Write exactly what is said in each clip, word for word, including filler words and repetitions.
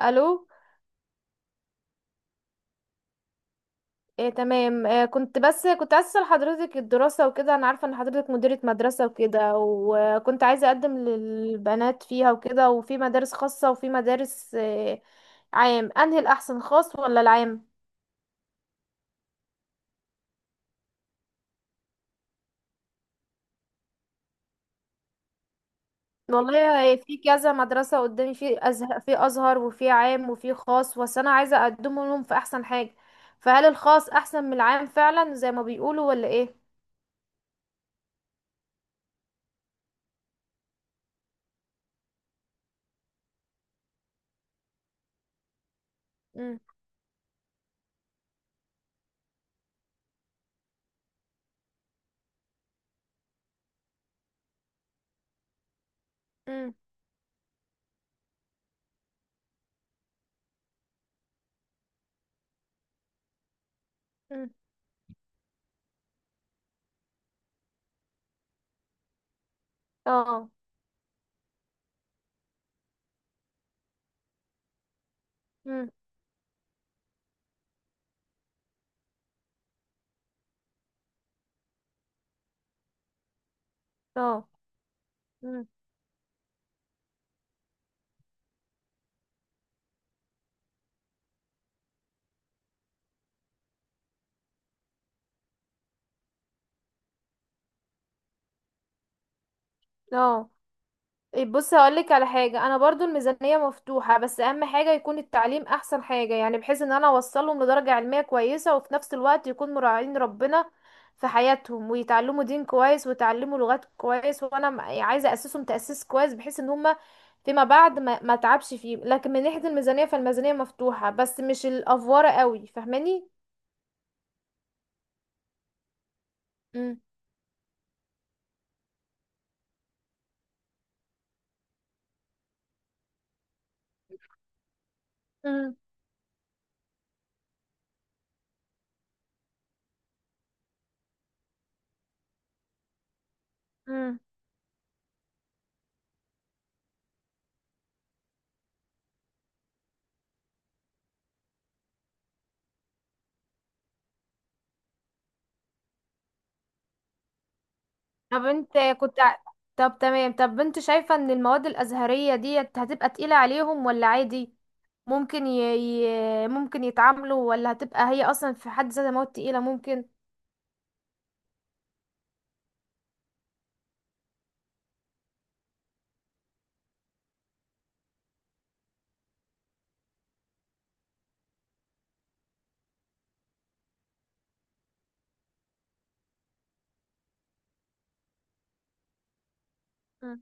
الو. إيه تمام إيه كنت بس كنت عايزه اسال حضرتك الدراسه وكده. انا عارفه ان حضرتك مديره مدرسه وكده، وكنت عايزه اقدم للبنات فيها وكده، وفي مدارس خاصه وفي مدارس إيه، عام. انهي الاحسن، خاص ولا العام؟ والله إيه، في كذا مدرسه قدامي، في ازهر في ازهر وفي عام وفي خاص، بس انا عايزه اقدم لهم في احسن حاجه. فهل الخاص احسن من العام فعلا زي ما بيقولوا ولا ايه؟ امم، امم، اه، امم، اه، امم، اه. إيه، بص هقولك على حاجة، انا برضو الميزانية مفتوحة بس اهم حاجة يكون التعليم احسن حاجة، يعني بحيث ان انا اوصلهم لدرجة علمية كويسة، وفي نفس الوقت يكون مراعين ربنا في حياتهم، ويتعلموا دين كويس ويتعلموا لغات كويس. وانا م- يعني عايزة اسسهم تأسيس كويس بحيث ان هما فيما بعد ما ما تعبش فيه. لكن من ناحية الميزانية، فالميزانية مفتوحة بس مش الافوارة قوي، فاهماني؟ مم. مم. مم. طب انت كنت ع- طب تمام. طب انت شايفة ان المواد الازهرية ديت هتبقى تقيلة عليهم ولا عادي، ممكن ي... ي... ممكن يتعاملوا، ولا هتبقى هي اصلا في حد ذاتها مواد تقيلة؟ ممكن. مم.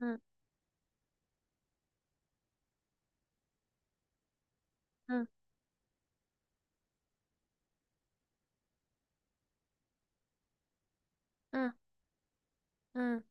مم. مم. مم.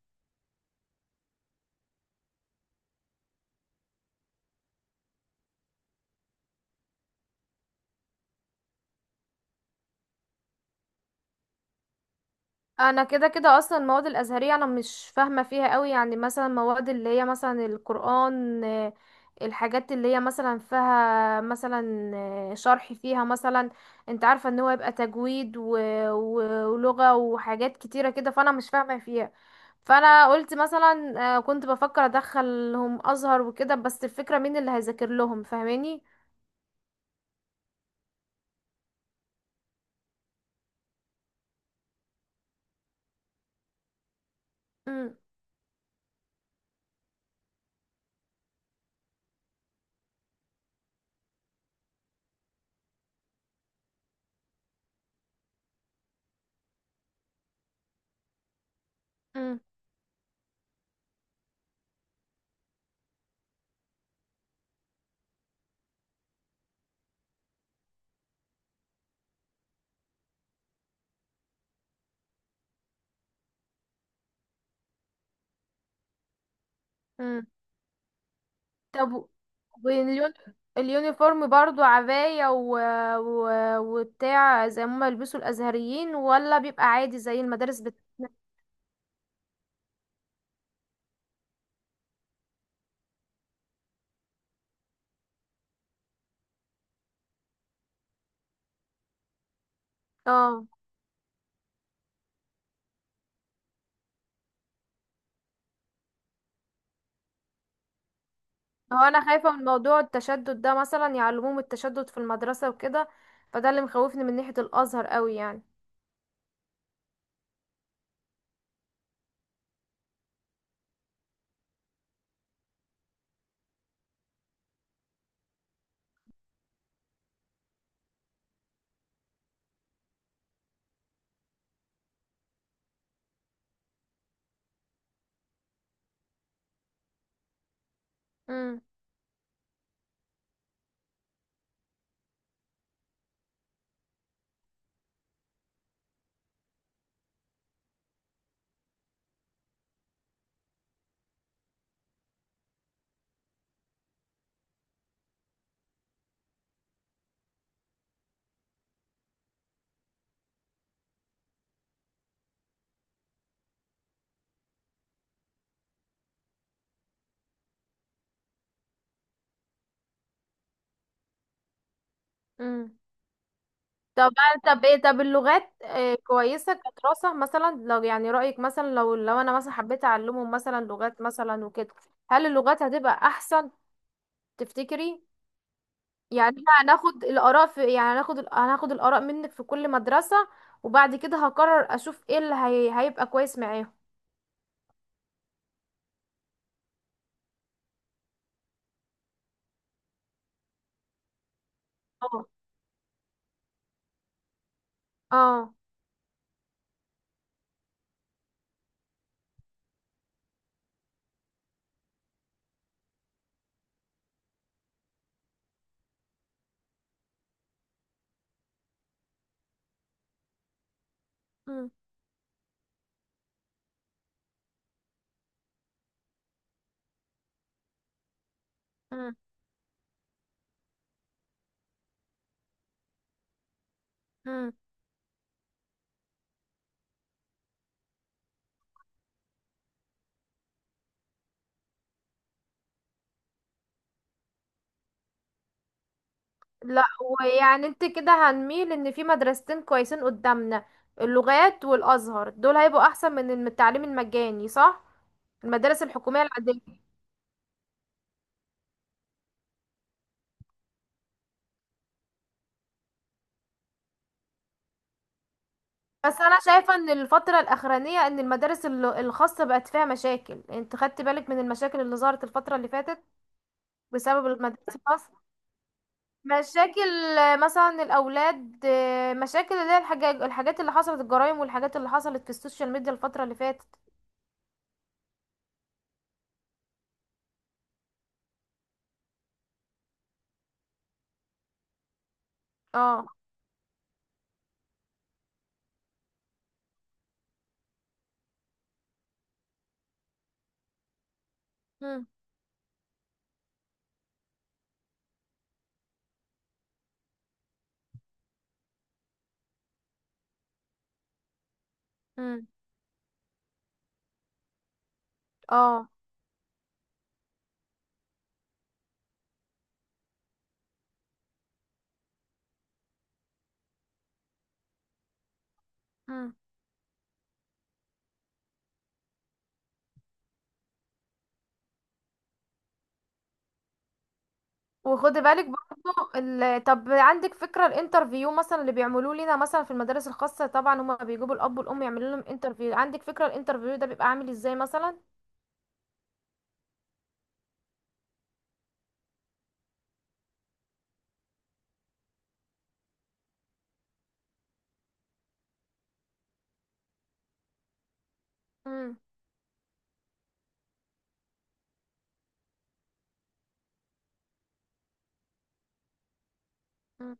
انا كده كده اصلا المواد الازهريه انا مش فاهمه فيها قوي. يعني مثلا مواد اللي هي مثلا القران، آه، الحاجات اللي هي مثلا فيها مثلا، آه، شرح فيها مثلا، انت عارفه ان هو يبقى تجويد و... و... ولغه وحاجات كتيره كده، فانا مش فاهمه فيها. فانا قلت مثلا، آه، كنت بفكر ادخلهم ازهر وكده، بس الفكره مين اللي هيذاكر لهم؟ فاهماني؟ مم، مم، مم. طب، واليون... اليونيفورم برضو عباية و... و... وبتاع زي ما يلبسوا الأزهريين، ولا بيبقى عادي زي المدارس بتاعتنا؟ اه. هو أنا خايفة من موضوع التشدد ده، مثلا يعلموهم التشدد في المدرسة وكده، فده اللي مخوفني من ناحية الأزهر قوي يعني. امم. امم. طب طب ايه طب اللغات إيه كويسة كدراسة؟ مثلا لو يعني رأيك مثلا لو لو أنا مثلا حبيت أعلمهم مثلا لغات مثلا وكده، هل اللغات هتبقى أحسن تفتكري؟ يعني احنا هناخد الآراء، في يعني هناخد ال- هناخد الآراء منك في كل مدرسة، وبعد كده هقرر، أشوف ايه اللي هي... هيبقى كويس معاهم. اه. اه. مم. مم. مم. لا. ويعني انت كده هنميل ان في مدرستين كويسين قدامنا، اللغات والازهر، دول هيبقوا احسن من الم- التعليم المجاني، صح؟ المدارس الحكوميه العاديه. بس انا شايفه ان الفتره الاخرانيه ان المدارس ال- الخاصه بقت فيها مشاكل. انت خدت بالك من المشاكل اللي ظهرت الفتره اللي فاتت بسبب المدارس الخاصة؟ مشاكل، آه، مثلا الأولاد، آه، مشاكل اللي هي الحاجات، الحاجات اللي حصلت، الجرائم والحاجات اللي حصلت في السوشيال ميديا الفترة اللي فاتت. اه. مم. مم. اه. مم. وخدي بالك برضو ال... طب عندك فكرة الانترفيو مثلا اللي بيعملوه لنا مثلا في المدارس الخاصة؟ طبعا هما بيجيبوا الأب والأم يعملوا لهم انترفيو. عندك فكرة الانترفيو ده بيبقى عامل ازاي مثلا؟ مم. مم.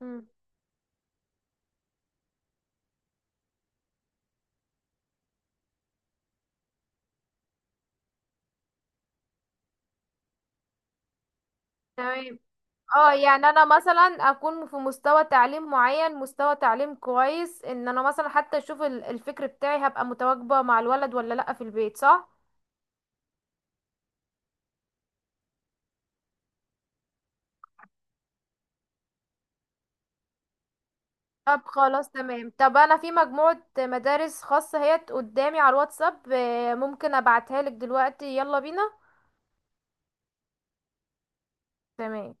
مم. تمام. اه، يعني انا مثلا اكون في مستوى تعليم معين، مستوى تعليم كويس، ان انا مثلا حتى اشوف ال- الفكر بتاعي هبقى متواجبة مع الولد ولا لا في البيت، صح؟ طب خلاص تمام. طب انا في مجموعة مدارس خاصة هي قدامي على الواتساب، آه، ممكن ابعتها لك دلوقتي، يلا بينا. تمام.